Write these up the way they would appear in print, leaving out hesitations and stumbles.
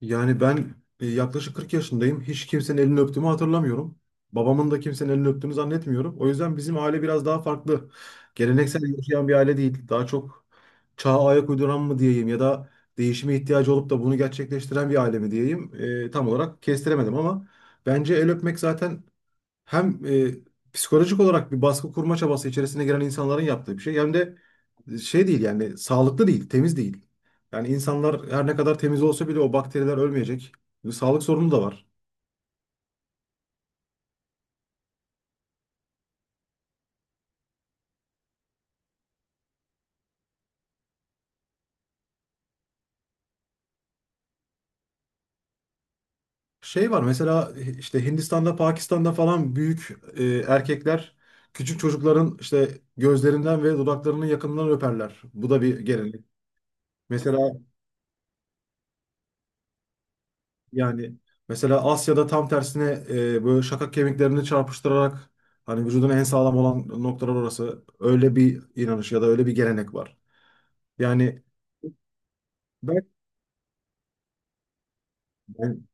Yani ben yaklaşık 40 yaşındayım. Hiç kimsenin elini öptüğümü hatırlamıyorum. Babamın da kimsenin elini öptüğünü zannetmiyorum. O yüzden bizim aile biraz daha farklı. Geleneksel yaşayan bir aile değil. Daha çok çağa ayak uyduran mı diyeyim ya da değişime ihtiyacı olup da bunu gerçekleştiren bir aile mi diyeyim. Tam olarak kestiremedim ama bence el öpmek zaten hem psikolojik olarak bir baskı kurma çabası içerisine giren insanların yaptığı bir şey hem de şey değil, yani sağlıklı değil, temiz değil. Yani insanlar her ne kadar temiz olsa bile o bakteriler ölmeyecek. Bir sağlık sorunu da var. Şey var mesela, işte Hindistan'da, Pakistan'da falan büyük erkekler küçük çocukların işte gözlerinden ve dudaklarının yakınından öperler. Bu da bir gelenek. Mesela yani mesela Asya'da tam tersine böyle şakak kemiklerini çarpıştırarak hani vücudun en sağlam olan noktalar orası. Öyle bir inanış ya da öyle bir gelenek var. Yani ben, ben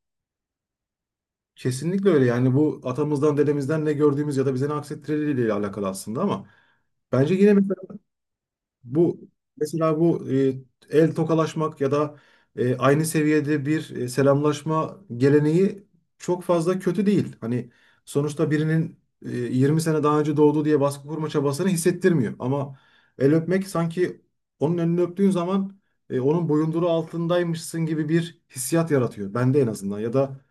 kesinlikle öyle. Yani bu atamızdan, dedemizden ne gördüğümüz ya da bize ne aksettirileriyle alakalı aslında. Ama bence yine bu, mesela bu el tokalaşmak ya da aynı seviyede bir selamlaşma geleneği çok fazla kötü değil. Hani sonuçta birinin 20 sene daha önce doğdu diye baskı kurma çabasını hissettirmiyor. Ama el öpmek sanki onun elini öptüğün zaman onun boyunduruğu altındaymışsın gibi bir hissiyat yaratıyor bende, en azından. Ya da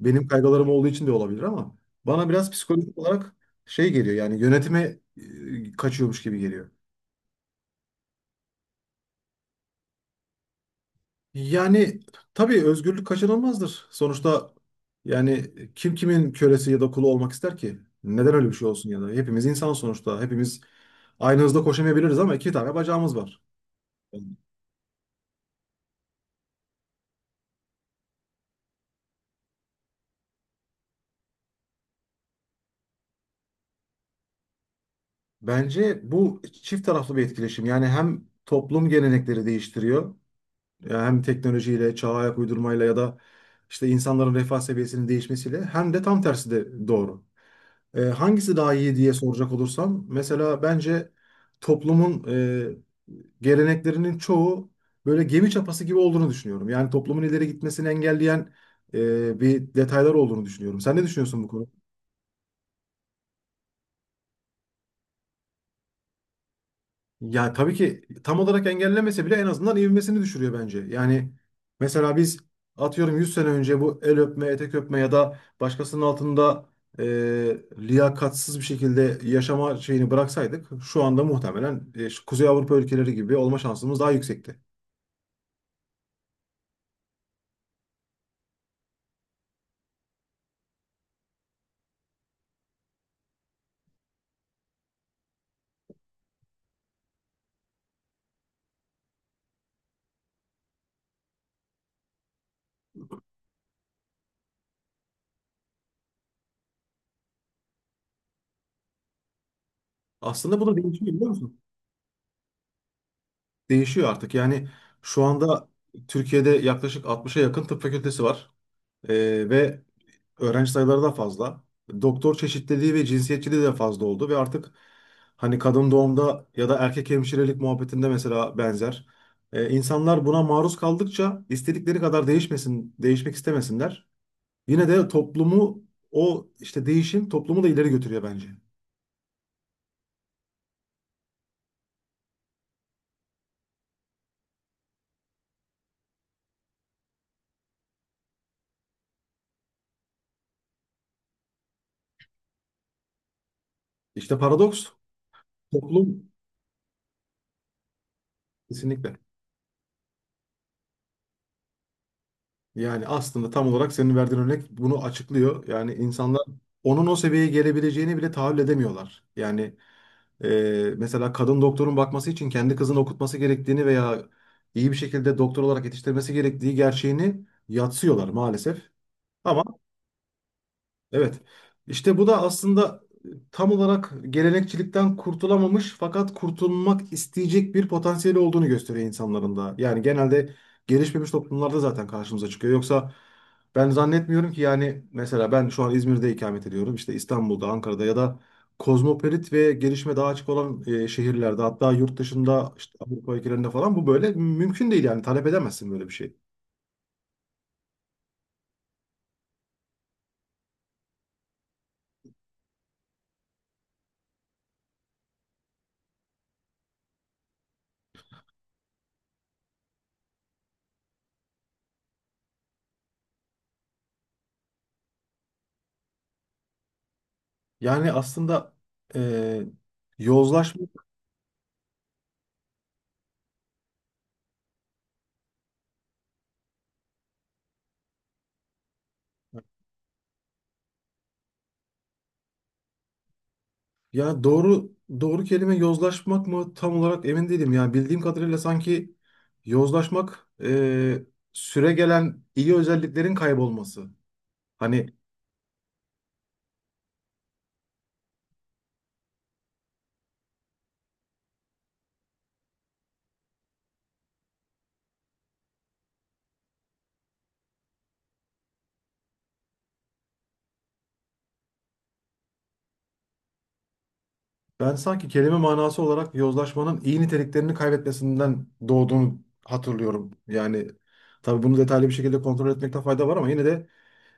benim kaygılarım olduğu için de olabilir, ama bana biraz psikolojik olarak şey geliyor, yani yönetime kaçıyormuş gibi geliyor. Yani tabii özgürlük kaçınılmazdır. Sonuçta yani kim kimin kölesi ya da kulu olmak ister ki? Neden öyle bir şey olsun ya da? Hepimiz insan sonuçta. Hepimiz aynı hızda koşamayabiliriz ama iki tane bacağımız var. Bence bu çift taraflı bir etkileşim. Yani hem toplum gelenekleri değiştiriyor, yani hem teknolojiyle, çağa ayak uydurmayla ya da işte insanların refah seviyesinin değişmesiyle, hem de tam tersi de doğru. Hangisi daha iyi diye soracak olursam, mesela bence toplumun geleneklerinin çoğu böyle gemi çapası gibi olduğunu düşünüyorum. Yani toplumun ileri gitmesini engelleyen bir detaylar olduğunu düşünüyorum. Sen ne düşünüyorsun bu konuda? Ya tabii ki tam olarak engellemese bile en azından ivmesini düşürüyor bence. Yani mesela biz atıyorum 100 sene önce bu el öpme, etek öpme ya da başkasının altında e, liyakatsız bir şekilde yaşama şeyini bıraksaydık şu anda muhtemelen şu Kuzey Avrupa ülkeleri gibi olma şansımız daha yüksekti. Aslında bu da değişiyor, biliyor musun? Değişiyor artık. Yani şu anda Türkiye'de yaklaşık 60'a yakın tıp fakültesi var. Ve öğrenci sayıları da fazla. Doktor çeşitliliği ve cinsiyetçiliği de fazla oldu ve artık hani kadın doğumda ya da erkek hemşirelik muhabbetinde mesela benzer. İnsanlar buna maruz kaldıkça istedikleri kadar değişmesin, değişmek istemesinler. Yine de toplumu, o işte değişim toplumu da ileri götürüyor bence. İşte paradoks toplum kesinlikle. Yani aslında tam olarak senin verdiğin örnek bunu açıklıyor. Yani insanlar onun o seviyeye gelebileceğini bile tahayyül edemiyorlar. Yani mesela kadın doktorun bakması için kendi kızını okutması gerektiğini veya iyi bir şekilde doktor olarak yetiştirmesi gerektiği gerçeğini yatsıyorlar maalesef. Ama evet. İşte bu da aslında tam olarak gelenekçilikten kurtulamamış fakat kurtulmak isteyecek bir potansiyeli olduğunu gösteriyor insanların da. Yani genelde gelişmemiş toplumlarda zaten karşımıza çıkıyor. Yoksa ben zannetmiyorum ki. Yani mesela ben şu an İzmir'de ikamet ediyorum. İşte İstanbul'da, Ankara'da ya da kozmopolit ve gelişme daha açık olan şehirlerde, hatta yurt dışında işte Avrupa ülkelerinde falan bu böyle mümkün değil, yani talep edemezsin böyle bir şey. Yani aslında e, yozlaşma, ya doğru doğru kelime yozlaşmak mı tam olarak emin değilim. Yani bildiğim kadarıyla sanki yozlaşmak süre gelen iyi özelliklerin kaybolması. Hani ben sanki kelime manası olarak yozlaşmanın iyi niteliklerini kaybetmesinden doğduğunu hatırlıyorum. Yani tabii bunu detaylı bir şekilde kontrol etmekte fayda var ama yine de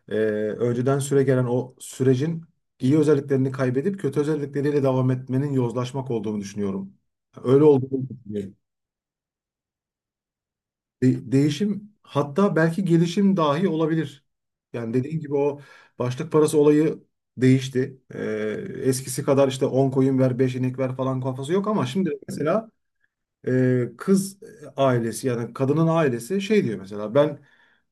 e, önceden süre gelen o sürecin iyi özelliklerini kaybedip kötü özellikleriyle devam etmenin yozlaşmak olduğunu düşünüyorum. Öyle olduğunu düşünüyorum. Değişim, hatta belki gelişim dahi olabilir. Yani dediğin gibi o başlık parası olayı değişti. Eskisi kadar işte 10 koyun ver, 5 inek ver falan kafası yok ama şimdi mesela kız ailesi, yani kadının ailesi şey diyor mesela: ben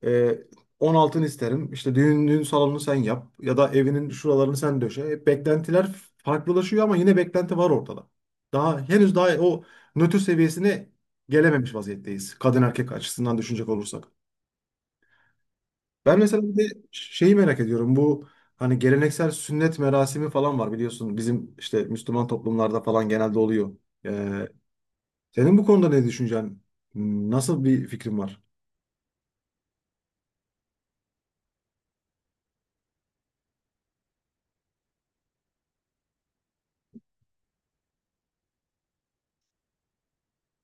e, 10 altın isterim, işte düğün salonunu sen yap ya da evinin şuralarını sen döşe. Beklentiler farklılaşıyor ama yine beklenti var ortada. Daha henüz daha o nötr seviyesine gelememiş vaziyetteyiz kadın erkek açısından düşünecek olursak. Ben mesela bir de şeyi merak ediyorum, bu hani geleneksel sünnet merasimi falan var biliyorsun bizim işte Müslüman toplumlarda falan genelde oluyor. Ee, senin bu konuda ne düşüncen? Nasıl bir fikrin var?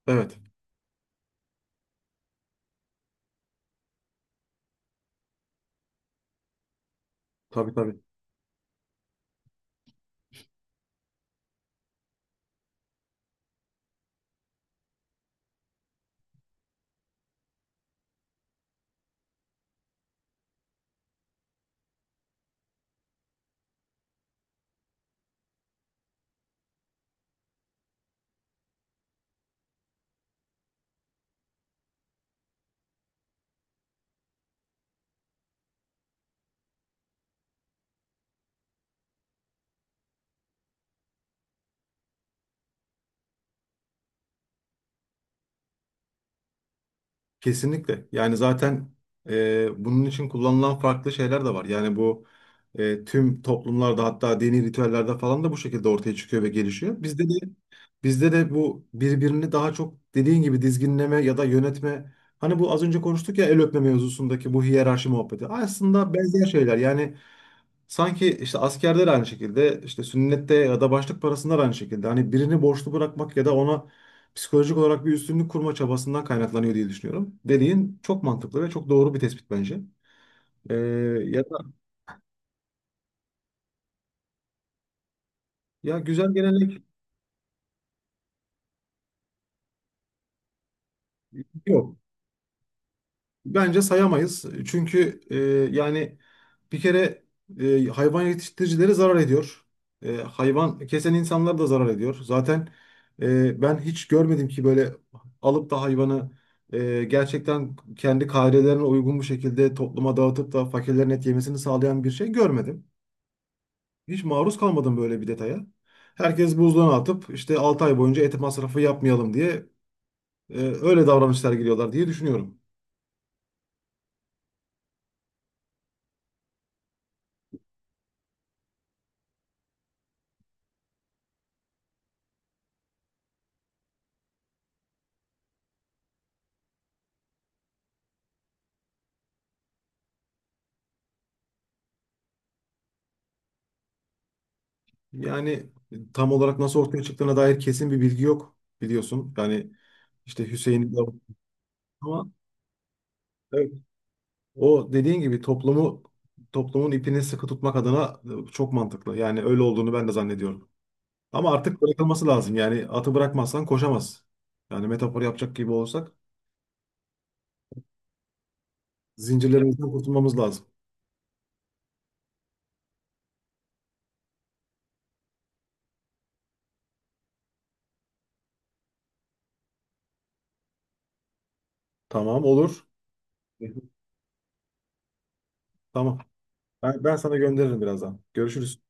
Evet, tabii tabii. Kesinlikle. Yani zaten bunun için kullanılan farklı şeyler de var. Yani bu tüm toplumlarda, hatta dini ritüellerde falan da bu şekilde ortaya çıkıyor ve gelişiyor. Bizde de bu, birbirini daha çok dediğin gibi dizginleme ya da yönetme. Hani bu az önce konuştuk ya el öpme mevzusundaki bu hiyerarşi muhabbeti. Aslında benzer şeyler. Yani sanki işte askerde de aynı şekilde, işte sünnette ya da başlık parasında da aynı şekilde. Hani birini borçlu bırakmak ya da ona psikolojik olarak bir üstünlük kurma çabasından kaynaklanıyor diye düşünüyorum. Dediğin çok mantıklı ve çok doğru bir tespit bence. Ee, ya da ya güzel gelenek yok. Bence sayamayız. Çünkü yani bir kere hayvan yetiştiricileri zarar ediyor. Hayvan kesen insanlar da zarar ediyor. Zaten ben hiç görmedim ki böyle alıp da hayvanı gerçekten kendi kaidelerine uygun bu şekilde topluma dağıtıp da fakirlerin et yemesini sağlayan bir şey görmedim. Hiç maruz kalmadım böyle bir detaya. Herkes buzluğuna atıp işte 6 ay boyunca et masrafı yapmayalım diye öyle davranışlar geliyorlar diye düşünüyorum. Yani tam olarak nasıl ortaya çıktığına dair kesin bir bilgi yok biliyorsun. Yani işte Hüseyin Davut, ama evet, o dediğin gibi toplumu, toplumun ipini sıkı tutmak adına çok mantıklı. Yani öyle olduğunu ben de zannediyorum. Ama artık bırakılması lazım. Yani atı bırakmazsan koşamaz. Yani metafor yapacak gibi olsak, zincirlerimizden kurtulmamız lazım. Tamam, olur. Tamam. Ben sana gönderirim birazdan. Görüşürüz.